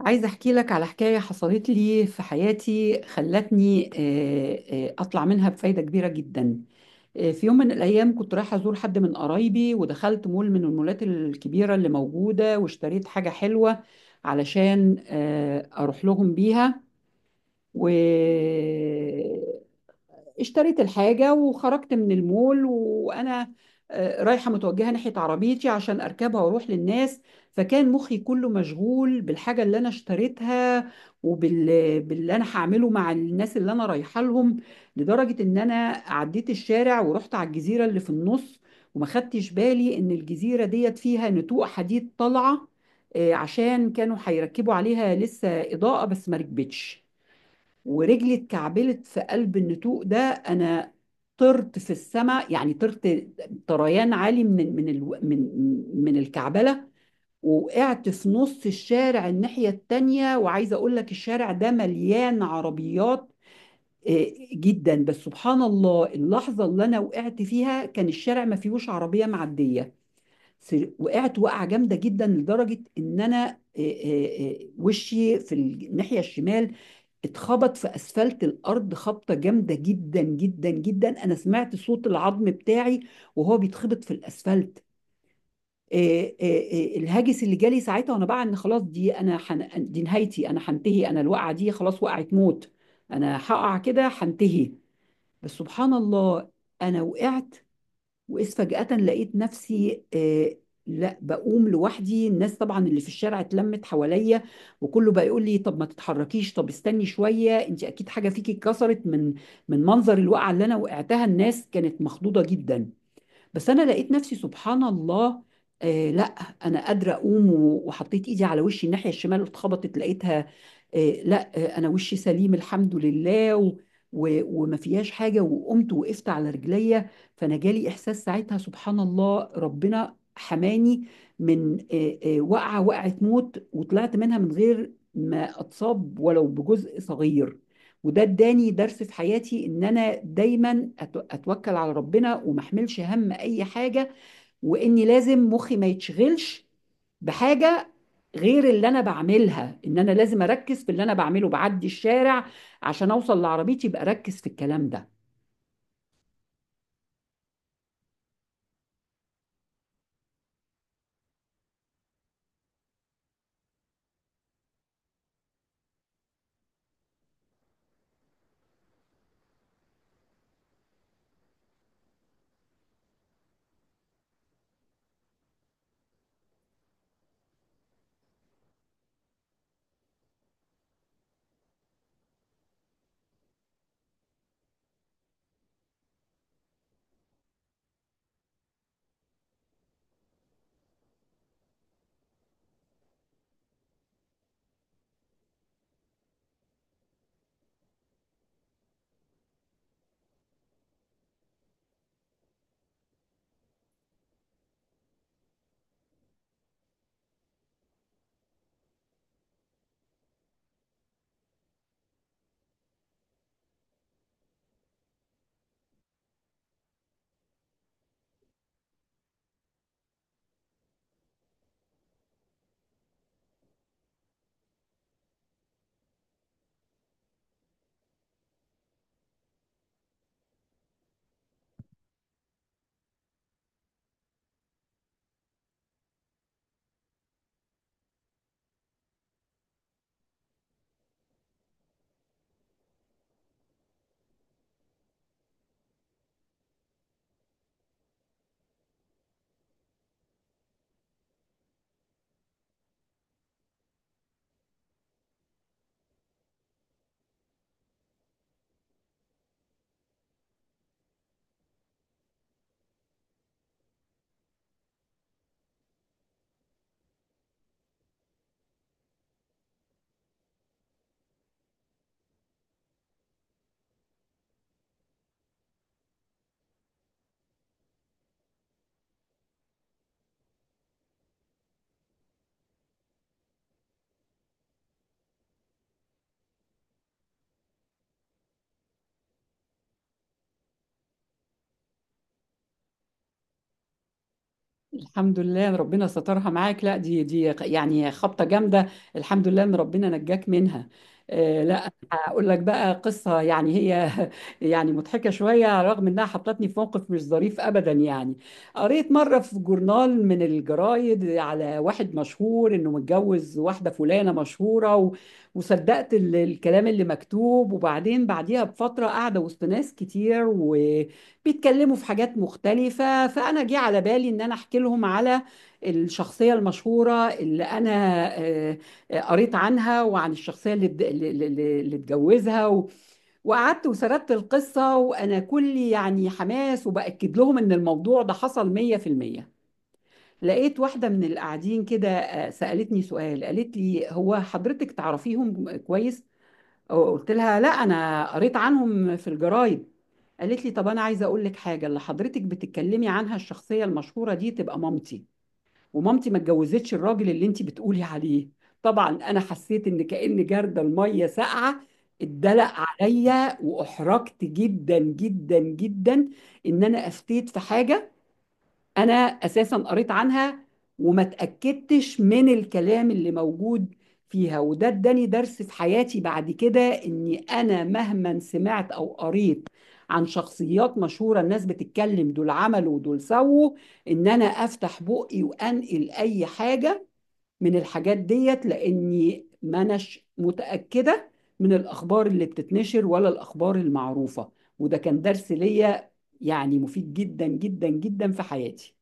عايزة أحكي لك على حكاية حصلت لي في حياتي خلتني أطلع منها بفايدة كبيرة جدا. في يوم من الأيام كنت رايحة أزور حد من قرايبي ودخلت مول من المولات الكبيرة اللي موجودة واشتريت حاجة حلوة علشان أروح لهم بيها. و اشتريت الحاجة وخرجت من المول وأنا رايحة متوجهة ناحية عربيتي عشان أركبها وأروح للناس. فكان مخي كله مشغول بالحاجة اللي أنا اشتريتها وبال باللي أنا هعمله مع الناس اللي أنا رايحة لهم، لدرجة إن أنا عديت الشارع ورحت على الجزيرة اللي في النص، وما خدتش بالي إن الجزيرة ديت فيها نتوء حديد طالعة، عشان كانوا هيركبوا عليها لسه إضاءة بس ما ركبتش. ورجلي اتكعبلت في قلب النتوء ده، انا طرت في السماء، يعني طرت طريان عالي من من الو- من من الكعبله. وقعت في نص الشارع الناحيه التانيه، وعايزه اقول لك الشارع ده مليان عربيات آه، جدا، بس سبحان الله اللحظه اللي انا وقعت فيها كان الشارع ما فيهوش عربيه معديه. وقعت وقعه جامده جدا لدرجه ان انا إيه إيه إيه وشي في الناحيه الشمال اتخبط في اسفلت الارض خبطه جامده جدا جدا جدا. انا سمعت صوت العظم بتاعي وهو بيتخبط في الاسفلت. إيه إيه إيه الهاجس اللي جالي ساعتها وانا بقى ان خلاص، دي انا دي نهايتي، انا هنتهي، انا الوقعه دي خلاص وقعت موت، انا هقع كده هنتهي. بس سبحان الله، انا وقعت وإذ فجأة لقيت نفسي لا، بقوم لوحدي. الناس طبعا اللي في الشارع اتلمت حواليا، وكله بقى يقول لي طب ما تتحركيش، طب استني شوية، انت اكيد حاجة فيكي اتكسرت من من منظر الوقعة اللي انا وقعتها. الناس كانت مخضوضة جدا، بس انا لقيت نفسي سبحان الله لا، انا قادره اقوم. وحطيت ايدي على وشي الناحيه الشمال واتخبطت لقيتها آه لا آه انا وشي سليم الحمد لله و و وما فيهاش حاجه، وقمت وقفت على رجليا. فانا جالي احساس ساعتها سبحان الله ربنا حماني من وقعه موت، وطلعت منها من غير ما اتصاب ولو بجزء صغير. وده اداني درس في حياتي ان انا دايما اتوكل على ربنا وما احملش هم اي حاجه، واني لازم مخي ما يتشغلش بحاجه غير اللي انا بعملها، ان انا لازم اركز في اللي انا بعمله، بعدي الشارع عشان اوصل لعربيتي يبقى اركز في الكلام ده. الحمد لله ان ربنا سترها معاك، لا، دي يعني خبطه جامده، الحمد لله ان ربنا نجاك منها. لا، هقول لك بقى قصه يعني هي يعني مضحكه شويه رغم انها حطتني في موقف مش ظريف ابدا يعني. قريت مره في جورنال من الجرايد على واحد مشهور انه متجوز واحده فلانه مشهوره وصدقت الكلام اللي مكتوب، وبعدين بعديها بفتره قاعده وسط ناس كتير و بيتكلموا في حاجات مختلفة، فأنا جه على بالي إن أنا أحكي لهم على الشخصية المشهورة اللي أنا آه، قريت عنها، وعن الشخصية اللي اتجوزها. وقعدت وسردت القصة وأنا كلي يعني حماس وبأكد لهم إن الموضوع ده حصل 100%. لقيت واحدة من القاعدين كده سألتني سؤال، قالت لي هو حضرتك تعرفيهم كويس؟ قلت لها لا، انا قريت عنهم في الجرايد. قالت لي طب انا عايزه اقول لك حاجه، اللي حضرتك بتتكلمي عنها الشخصيه المشهوره دي تبقى مامتي، ومامتي ما اتجوزتش الراجل اللي انت بتقولي عليه. طبعا انا حسيت ان كأن جردل الميه ساقعه اتدلق عليا، واحرجت جدا جدا جدا ان انا افتيت في حاجه انا اساسا قريت عنها وما اتاكدتش من الكلام اللي موجود فيها. وده اداني درس في حياتي بعد كده اني انا مهما سمعت او قريت عن شخصيات مشهوره، الناس بتتكلم دول عملوا ودول سووا، ان انا افتح بقي وانقل اي حاجه من الحاجات ديت، لاني ما اناش متاكده من الاخبار اللي بتتنشر ولا الاخبار المعروفه. وده كان درس ليا يعني مفيد جدا جدا جدا في حياتي.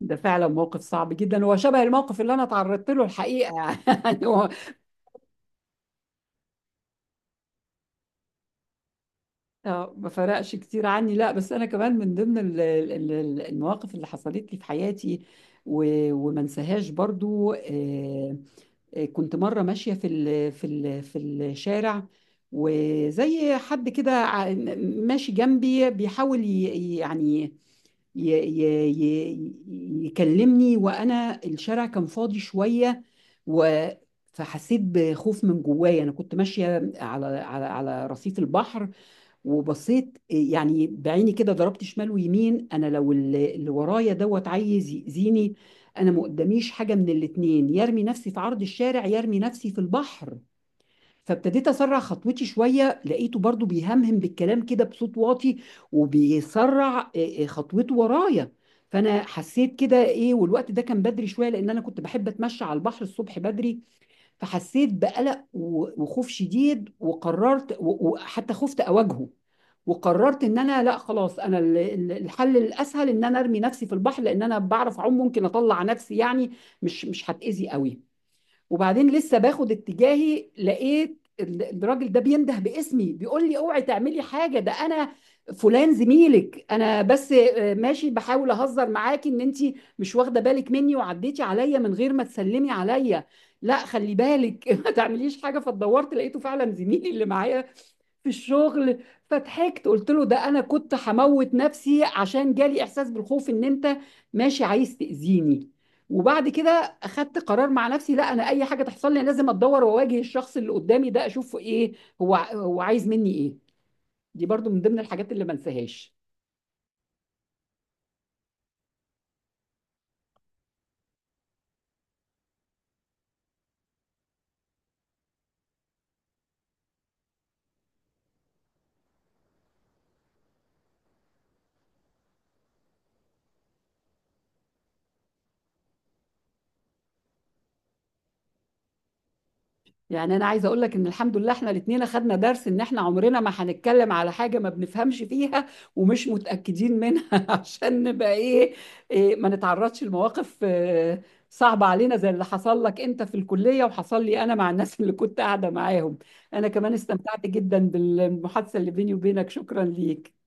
ده فعلا موقف صعب جدًا، هو شبه الموقف اللي أنا اتعرّضت له الحقيقة يعني هو ما فرقش كتير عني. لأ، بس أنا كمان من ضمن ال ال ال المواقف اللي حصلت لي في حياتي، و وما انساهاش برضه. كنت مرّة ماشية في الشارع، وزي حد كده ع م ماشي جنبي بيحاول يعني ي ي ي يكلمني، وانا الشارع كان فاضي شويه. و فحسيت بخوف من جوايا. انا كنت ماشيه على رصيف البحر، وبصيت يعني بعيني كده ضربت شمال ويمين، انا لو اللي ورايا دوت عايز يأذيني، انا ما قداميش حاجه من الاتنين، يرمي نفسي في عرض الشارع يرمي نفسي في البحر. فابتديت اسرع خطوتي شويه، لقيته برضو بيهمهم بالكلام كده بصوت واطي وبيسرع إيه، إيه، خطوته ورايا. فانا حسيت كده ايه، والوقت ده كان بدري شويه لان انا كنت بحب اتمشى على البحر الصبح بدري، فحسيت بقلق وخوف شديد، وقررت وحتى خفت اواجهه، وقررت ان انا لا خلاص انا الحل الاسهل ان انا ارمي نفسي في البحر، لان انا بعرف اعوم، ممكن اطلع نفسي يعني، مش هتاذي قوي. وبعدين لسه باخد اتجاهي لقيت الراجل ده بينده باسمي، بيقول لي اوعي تعملي حاجه، ده انا فلان زميلك، انا بس ماشي بحاول اهزر معاكي ان انت مش واخده بالك مني وعديتي عليا من غير ما تسلمي عليا. لا خلي بالك ما تعمليش حاجه. فدورت لقيته فعلا زميلي اللي معايا في الشغل، فضحكت قلت له ده انا كنت هموت نفسي عشان جالي احساس بالخوف ان انت ماشي عايز تأذيني. وبعد كده اخدت قرار مع نفسي لا، انا اي حاجه تحصل لي لازم اتدور واواجه الشخص اللي قدامي ده، اشوفه ايه هو عايز مني ايه. دي برضو من ضمن الحاجات اللي ما انساهاش. يعني انا عايزه اقول لك ان الحمد لله احنا الاثنين اخدنا درس ان احنا عمرنا ما هنتكلم على حاجه ما بنفهمش فيها ومش متاكدين منها عشان نبقى ايه، إيه ما نتعرضش لمواقف صعبه علينا زي اللي حصل لك انت في الكليه وحصل لي انا مع الناس اللي كنت قاعده معاهم. انا كمان استمتعت جدا بالمحادثه اللي بيني وبينك، شكرا ليك.